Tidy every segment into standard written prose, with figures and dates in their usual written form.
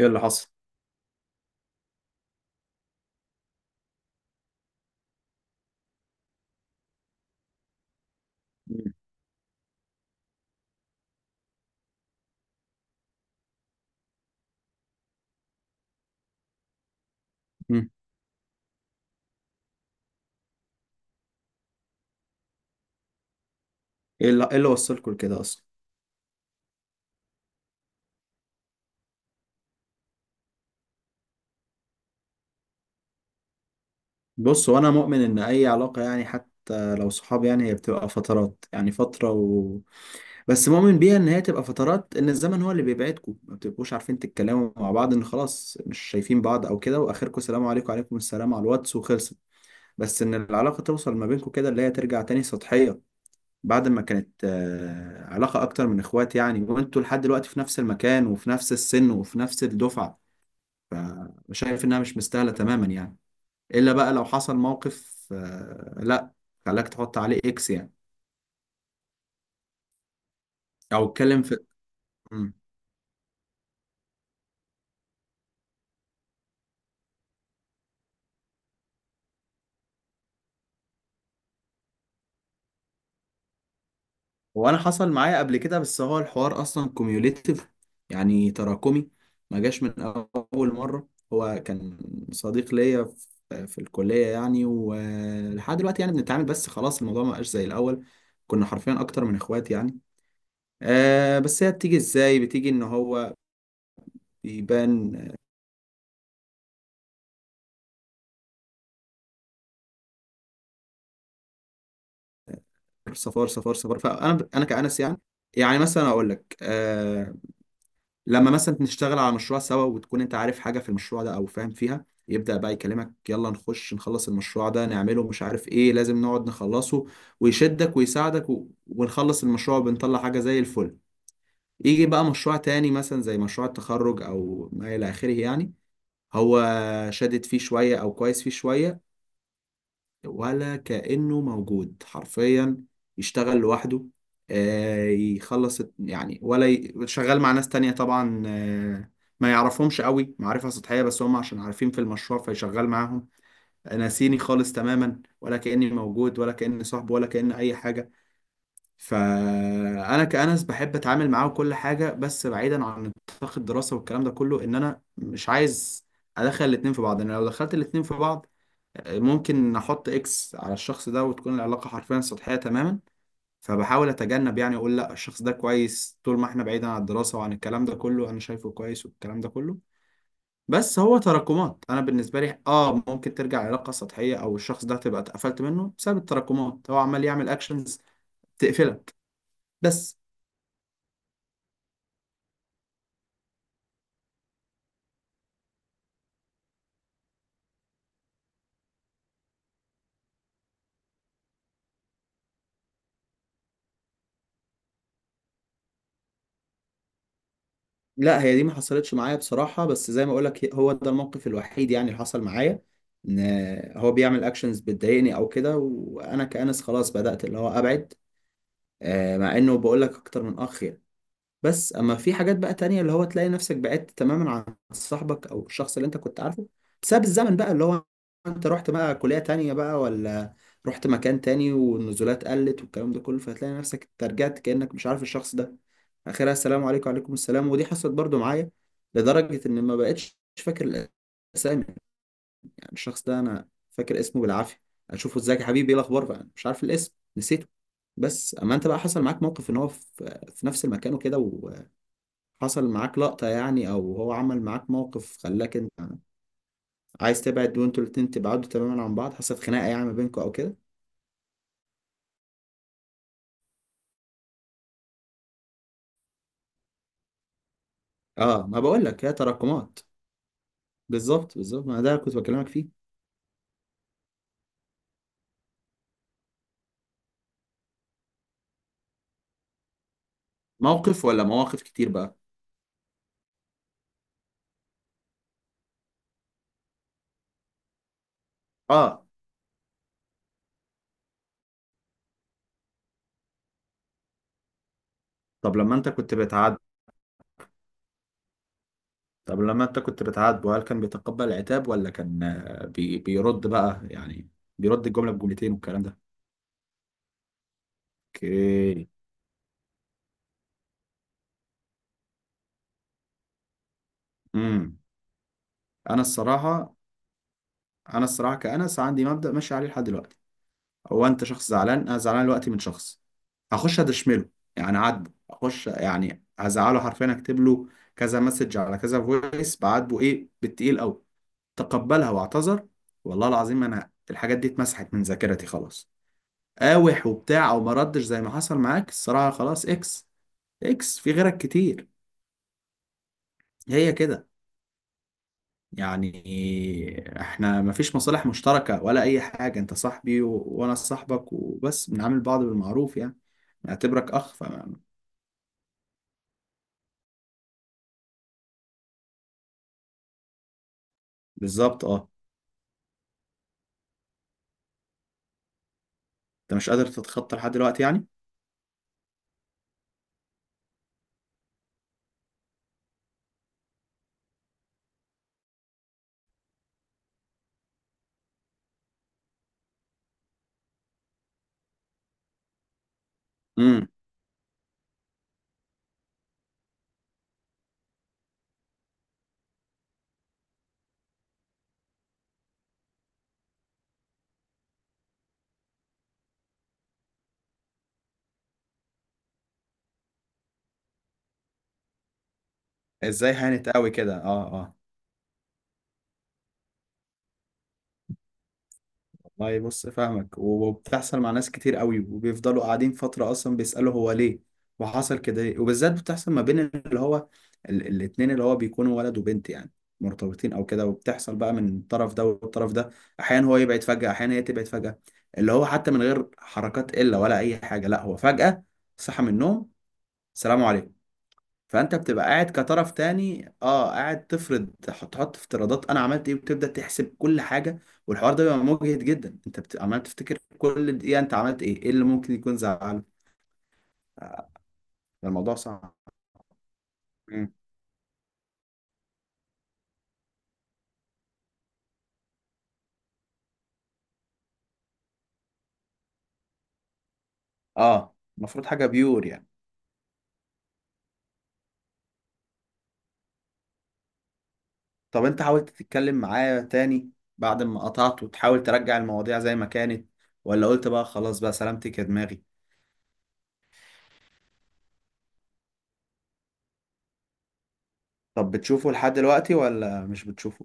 ايه اللي حصل؟ مم. مم. ايه اللي وصلكوا لكده اصلا؟ بص، وانا مؤمن ان اي علاقه، يعني حتى لو صحاب، يعني هي بتبقى فترات، يعني فتره. بس مؤمن بيها ان هي تبقى فترات، ان الزمن هو اللي بيبعدكم، ما بتبقوش عارفين تتكلموا مع بعض، ان خلاص مش شايفين بعض او كده، واخركم سلام عليكم وعليكم السلام على الواتس وخلصت. بس ان العلاقه توصل ما بينكم كده اللي هي ترجع تاني سطحيه، بعد ما كانت علاقه اكتر من اخوات يعني، وانتوا لحد دلوقتي في نفس المكان وفي نفس السن وفي نفس الدفعه. فشايف انها مش مستاهله تماما يعني. الا بقى لو حصل موقف، لا، خلاك تحط عليه اكس يعني، او اتكلم في. مم. هو انا حصل معايا قبل كده، بس هو الحوار اصلا كوميوليتيف، يعني تراكمي. ما جاش من اول مره. هو كان صديق ليا في الكليه يعني، ولحد دلوقتي يعني بنتعامل، بس خلاص الموضوع ما بقاش زي الاول. كنا حرفيا اكتر من اخوات يعني. آه بس هي بتيجي ازاي؟ بتيجي ان هو بيبان صفار صفار صفار، فانا كأنس يعني. يعني مثلا اقول لك، لما مثلا نشتغل على مشروع سوا، وتكون انت عارف حاجه في المشروع ده او فاهم فيها، يبدأ بقى يكلمك يلا نخش نخلص المشروع ده، نعمله مش عارف ايه، لازم نقعد نخلصه. ويشدك ويساعدك ونخلص المشروع، بنطلع حاجه زي الفل. يجي بقى مشروع تاني مثلا زي مشروع التخرج او ما الى اخره يعني، هو شادد فيه شويه او كويس فيه شويه، ولا كأنه موجود حرفيا. يشتغل لوحده، يخلص يعني، ولا شغال مع ناس تانية طبعا، ما يعرفهمش قوي، معرفة سطحية، بس هم عشان عارفين في المشروع فيشغال معاهم. ناسيني خالص تماما، ولا كأني موجود، ولا كأني صاحبه، ولا كأني أي حاجة. فأنا كأنس بحب أتعامل معاه وكل حاجة، بس بعيدا عن نطاق الدراسة والكلام ده كله. إن أنا مش عايز أدخل الاتنين في بعض. أنا لو دخلت الاتنين في بعض ممكن نحط اكس على الشخص ده، وتكون العلاقة حرفيا سطحية تماما. فبحاول اتجنب يعني، اقول لا، الشخص ده كويس طول ما احنا بعيدا عن الدراسة وعن الكلام ده كله، انا شايفه كويس والكلام ده كله. بس هو تراكمات. انا بالنسبة لي، اه، ممكن ترجع علاقة سطحية، او الشخص ده تبقى اتقفلت منه بسبب التراكمات. هو عمال يعمل اكشنز تقفلك. بس لا، هي دي ما حصلتش معايا بصراحة، بس زي ما اقولك هو ده الموقف الوحيد يعني اللي حصل معايا، ان هو بيعمل اكشنز بتضايقني او كده، وانا كأنس خلاص بدأت اللي هو ابعد، مع انه بقول لك اكتر من اخ يعني. بس اما في حاجات بقى تانية، اللي هو تلاقي نفسك بعدت تماما عن صاحبك او الشخص اللي انت كنت عارفه، بسبب الزمن بقى، اللي هو انت رحت بقى كلية تانية بقى، ولا رحت مكان تاني والنزولات قلت والكلام ده كله، فتلاقي نفسك أنت رجعت كأنك مش عارف الشخص ده. اخرها السلام عليكم وعليكم السلام، ودي حصلت برضو معايا، لدرجة ان ما بقتش فاكر الاسامي. الشخص ده انا فاكر اسمه بالعافيه، اشوفه ازيك يا حبيبي، ايه الاخبار بقى، مش عارف الاسم، نسيته. بس اما انت بقى حصل معاك موقف ان هو في نفس المكان وكده، وحصل معاك لقطه يعني، او هو عمل معاك موقف خلاك انت عايز تبعد، وانتوا الاتنين تبعدوا تماما عن بعض، حصلت خناقه يعني ما بينكم او كده؟ اه، ما بقول لك هي تراكمات. بالظبط بالظبط، ما ده كنت بكلمك فيه. موقف ولا مواقف كتير بقى؟ اه. طب لما انت كنت بتعدي، طب لما انت كنت بتعاتبه، هل كان بيتقبل العتاب، ولا كان آه، بي بيرد بقى يعني؟ بيرد الجملة بجملتين والكلام ده؟ اوكي. امم. انا الصراحة انا الصراحة كأنس عندي مبدأ ماشي عليه لحد دلوقتي. هو انت شخص زعلان، انا زعلان دلوقتي من شخص، هخش ادشمله، يعني اعاتبه، اخش يعني هزعله حرفيا، اكتب له كذا مسج على كذا فويس، بعاتبه ايه بالتقيل قوي. تقبلها واعتذر، والله العظيم انا الحاجات دي اتمسحت من ذاكرتي خلاص. قاوح وبتاع، او ما ردش زي ما حصل معاك، الصراحه خلاص اكس. اكس في غيرك كتير. هي كده يعني. احنا مفيش مصالح مشتركه ولا اي حاجه، انت صاحبي وانا صاحبك، وبس بنعامل بعض بالمعروف يعني، نعتبرك اخ ف. بالظبط، اه. انت مش قادر تتخطى لحد دلوقتي يعني؟ امم. ازاي هانت قوي كده؟ اه اه. والله بص فاهمك، وبتحصل مع ناس كتير قوي، وبيفضلوا قاعدين فترة أصلا بيسألوا هو ليه، وحصل كده ليه. وبالذات بتحصل ما بين اللي هو الاتنين اللي هو بيكونوا ولد وبنت يعني، مرتبطين أو كده. وبتحصل بقى من الطرف ده والطرف ده. أحيانا هو يبعد فجأة، أحيانا هي تبعد فجأة، اللي هو حتى من غير حركات إلا ولا أي حاجة، لا هو فجأة صحى من النوم، سلام عليكم. فانت بتبقى قاعد كطرف تاني، اه، قاعد تفرض، تحط تحط افتراضات انا عملت ايه، وتبدا تحسب كل حاجه. والحوار ده بيبقى مجهد جدا، انت عمال تفتكر كل دقيقه انت عملت ايه، ايه اللي ممكن يكون زعله. الموضوع صعب. مم. اه، المفروض حاجه بيور يعني. طب انت حاولت تتكلم معاه تاني بعد ما قطعت، وتحاول ترجع المواضيع زي ما كانت، ولا قلت بقى خلاص بقى سلامتك يا دماغي؟ طب بتشوفه لحد دلوقتي، ولا مش بتشوفه؟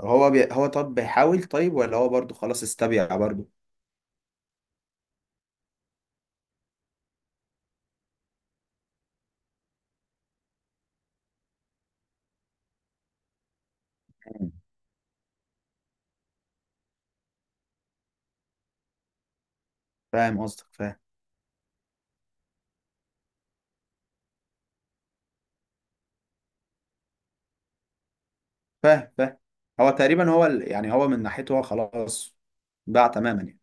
هو طب بيحاول طيب، ولا هو برضو خلاص استبيع برضو؟ فاهم قصدك، فاهم. فاهم فاهم. هو تقريبا هو يعني هو من ناحيته هو خلاص باع تماما يعني.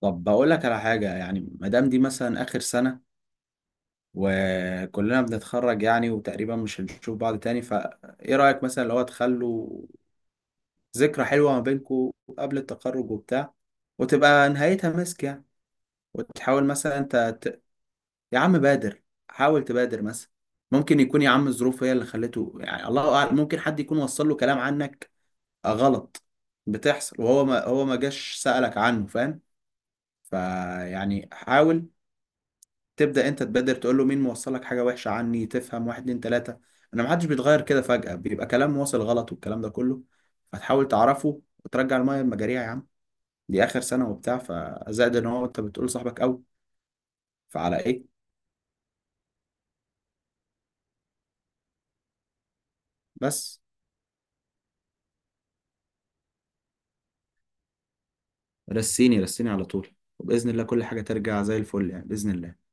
طب بقول لك على حاجة، يعني ما دام دي مثلا آخر سنة وكلنا بنتخرج يعني، وتقريبا مش هنشوف بعض تاني، فإيه رأيك مثلا لو تخلوا ذكرى حلوة ما بينكوا قبل التخرج وبتاع، وتبقى نهايتها مسك يعني. وتحاول مثلا أنت ت... يا عم بادر، حاول تبادر مثلا. ممكن يكون يا عم الظروف هي اللي خلته يعني، الله أعلم، ممكن حد يكون وصل له كلام عنك غلط. بتحصل، وهو ما هو ما جاش سألك عنه، فاهم؟ فيعني حاول تبدأ انت تبادر، تقول له مين موصلك حاجة وحشة عني، تفهم، واحد اتنين تلاتة. انا محدش بيتغير كده فجأة، بيبقى كلام واصل غلط والكلام ده كله. فتحاول تعرفه وترجع المية المجاريع يا عم، دي آخر سنة وبتاع، فزائد ان هو انت بتقول صاحبك قوي، فعلى ايه؟ بس رسيني رسيني على طول، وبإذن الله كل حاجة ترجع زي الفل يعني، بإذن الله.